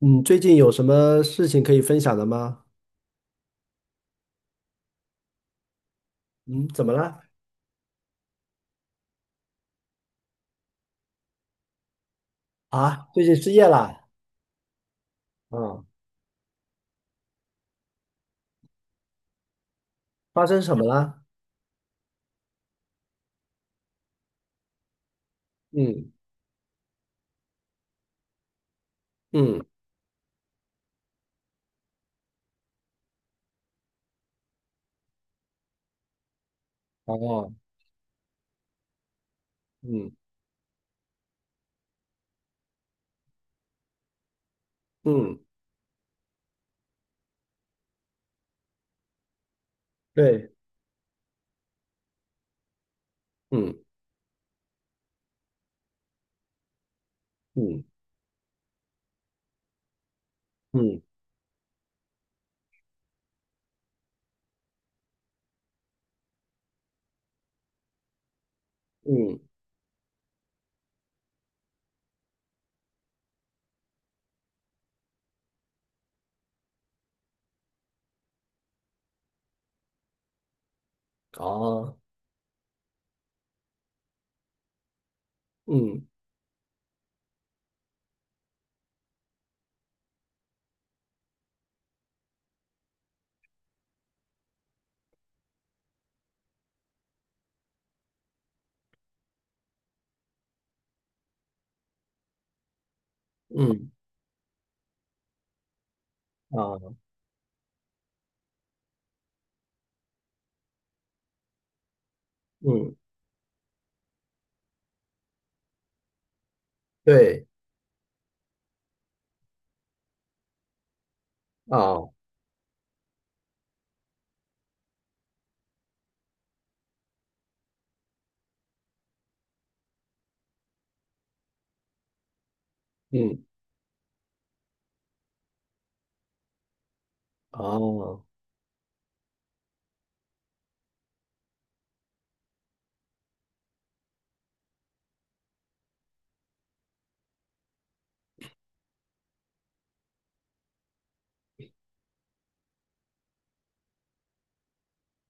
嗯，最近有什么事情可以分享的吗？嗯，怎么了？啊，最近失业了？嗯，发生什么了？嗯嗯，哦，嗯嗯，对，嗯嗯嗯嗯，哦，嗯嗯啊，嗯，对，啊，嗯哦，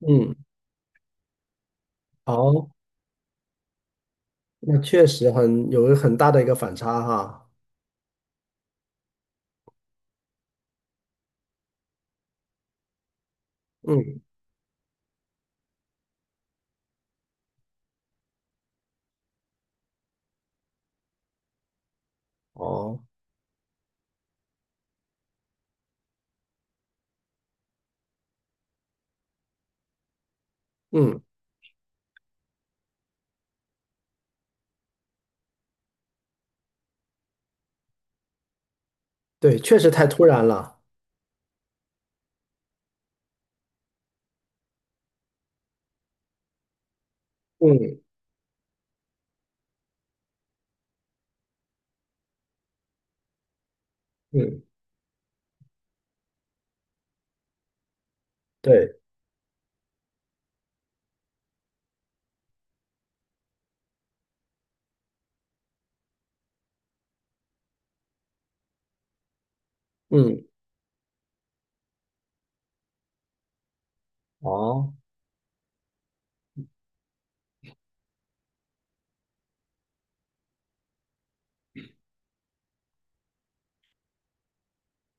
嗯哦，那确实很有一个很大的一个反差哈。嗯，哦，嗯，对，确实太突然了。嗯嗯，对，嗯，哦，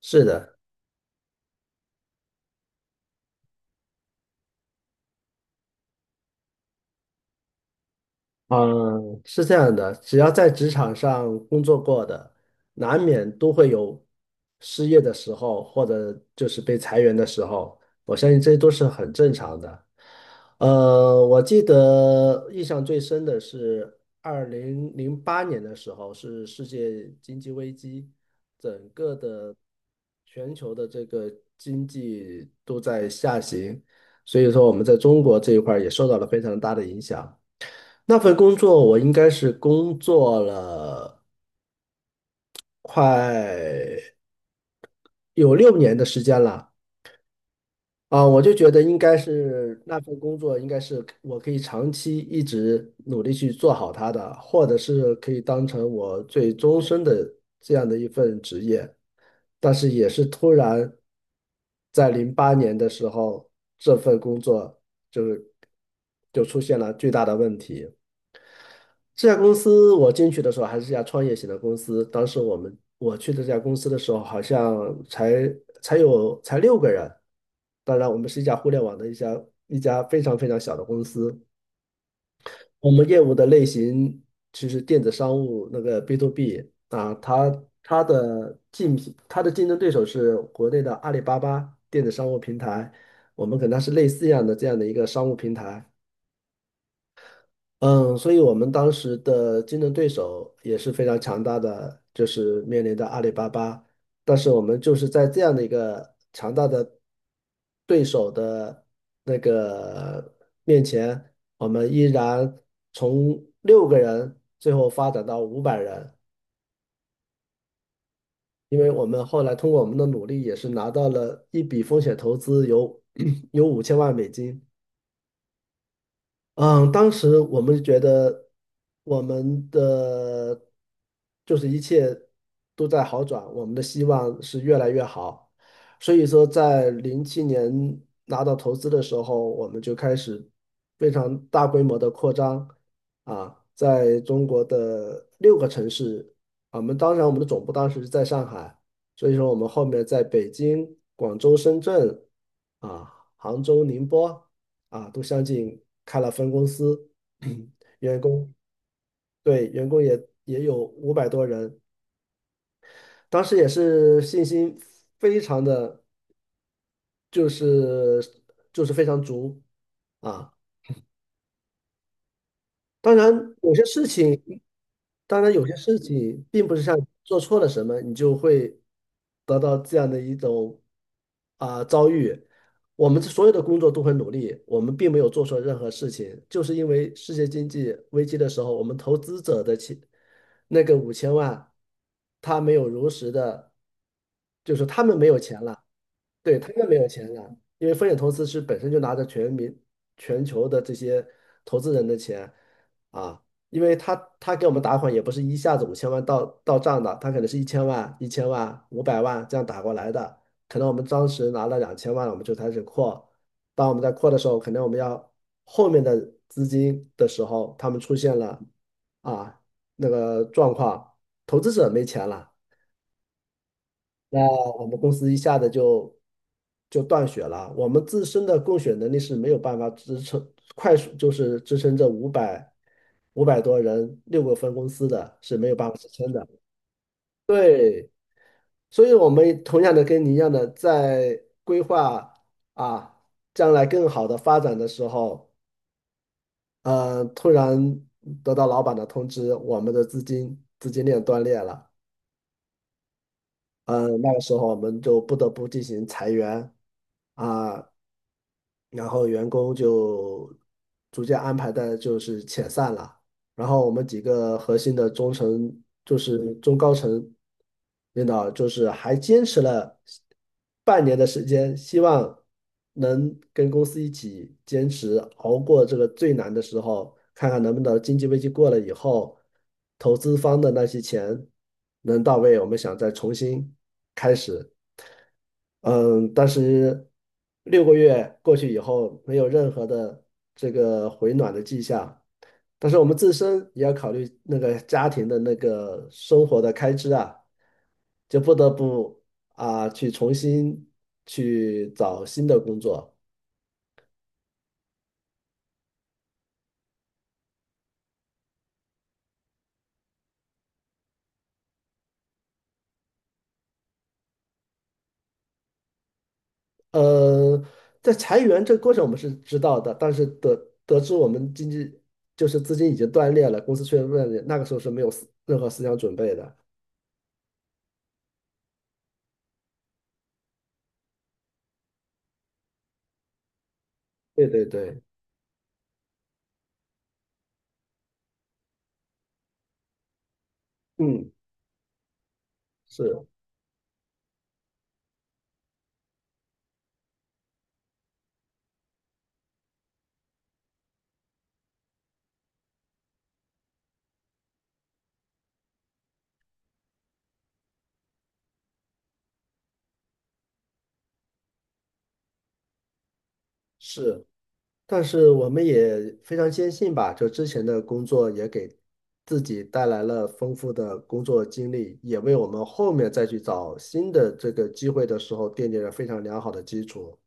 是的。嗯，是这样的，只要在职场上工作过的，难免都会有失业的时候，或者就是被裁员的时候，我相信这都是很正常的。我记得印象最深的是2008年的时候，是世界经济危机，全球的这个经济都在下行，所以说我们在中国这一块儿也受到了非常大的影响。那份工作我应该是工作了快有6年的时间了啊，我就觉得应该是那份工作应该是我可以长期一直努力去做好它的，或者是可以当成我最终身的这样的一份职业。但是也是突然在零八年的时候，这份工作就是就出现了巨大的问题。这家公司我进去的时候还是一家创业型的公司，当时我去的这家公司的时候，好像才才六个人。当然，我们是一家互联网的一家非常非常小的公司。我们业务的类型其实电子商务那个 B to B 啊，它的竞品它的竞争对手是国内的阿里巴巴电子商务平台，我们跟它是类似一样的这样的一个商务平台。嗯，所以我们当时的竞争对手也是非常强大的，就是面临着阿里巴巴。但是我们就是在这样的一个强大的对手的那个面前，我们依然从六个人最后发展到500人，因为我们后来通过我们的努力，也是拿到了一笔风险投资有，有5000万美金。嗯，当时我们觉得我们的就是一切都在好转，我们的希望是越来越好。所以说，在07年拿到投资的时候，我们就开始非常大规模的扩张啊，在中国的六个城市，当然我们的总部当时是在上海，所以说我们后面在北京、广州、深圳啊、杭州、宁波。啊，都相继开了分公司，员工对，员工也有五百多人，当时也是信心非常的，就是就是非常足啊。当然，有些事情，当然有些事情，并不是像做错了什么，你就会得到这样的一种遭遇。我们所有的工作都很努力，我们并没有做错任何事情，就是因为世界经济危机的时候，我们投资者的钱那个五千万，他没有如实的，就是他们没有钱了。对，他们没有钱啊，因为风险投资是本身就拿着全民、全球的这些投资人的钱啊，因为他给我们打款也不是一下子五千万到账的，他可能是一千万、一千万、500万这样打过来的，可能我们当时拿了2000万，我们就开始扩，当我们在扩的时候，可能我们要后面的资金的时候，他们出现了啊那个状况，投资者没钱了。那我们公司一下子就断血了。我们自身的供血能力是没有办法支撑快速，就是支撑这五百多人六个分公司的是没有办法支撑的。所以，我们同样的跟你一样的，在规划啊将来更好的发展的时候，突然得到老板的通知，我们的资金链断裂了。嗯，那个时候我们就不得不进行裁员啊，然后员工就逐渐安排的就是遣散了，然后我们几个核心的中层就是中高层领导就是还坚持了半年的时间，希望能跟公司一起坚持熬过这个最难的时候，看看能不能经济危机过了以后，投资方的那些钱能到位，我们想再重新开始。嗯，但是6个月过去以后，没有任何的这个回暖的迹象，但是我们自身也要考虑那个家庭的那个生活的开支啊，就不得不去重新去找新的工作。呃，在裁员这个过程我们是知道的，但是得知我们经济就是资金已经断裂了，公司确实断裂那个时候是没有任何思想准备的。对对对，嗯，是是，但是我们也非常坚信吧，就之前的工作也给自己带来了丰富的工作经历，也为我们后面再去找新的这个机会的时候奠定了非常良好的基础。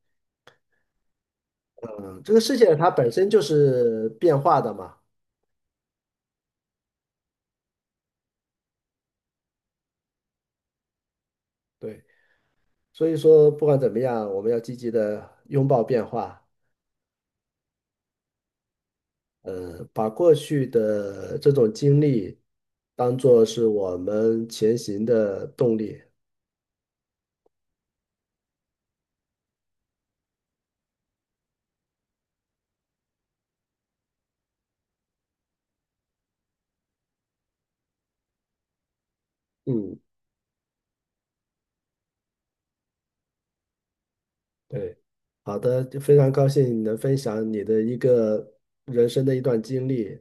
嗯，这个世界它本身就是变化的嘛，对，所以说不管怎么样，我们要积极的拥抱变化，把过去的这种经历当做是我们前行的动力。嗯。对，好的，就非常高兴你能分享你的一个人生的一段经历。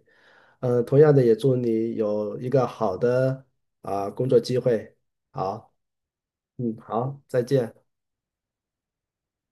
同样的，也祝你有一个好的工作机会。好，嗯，好，再见。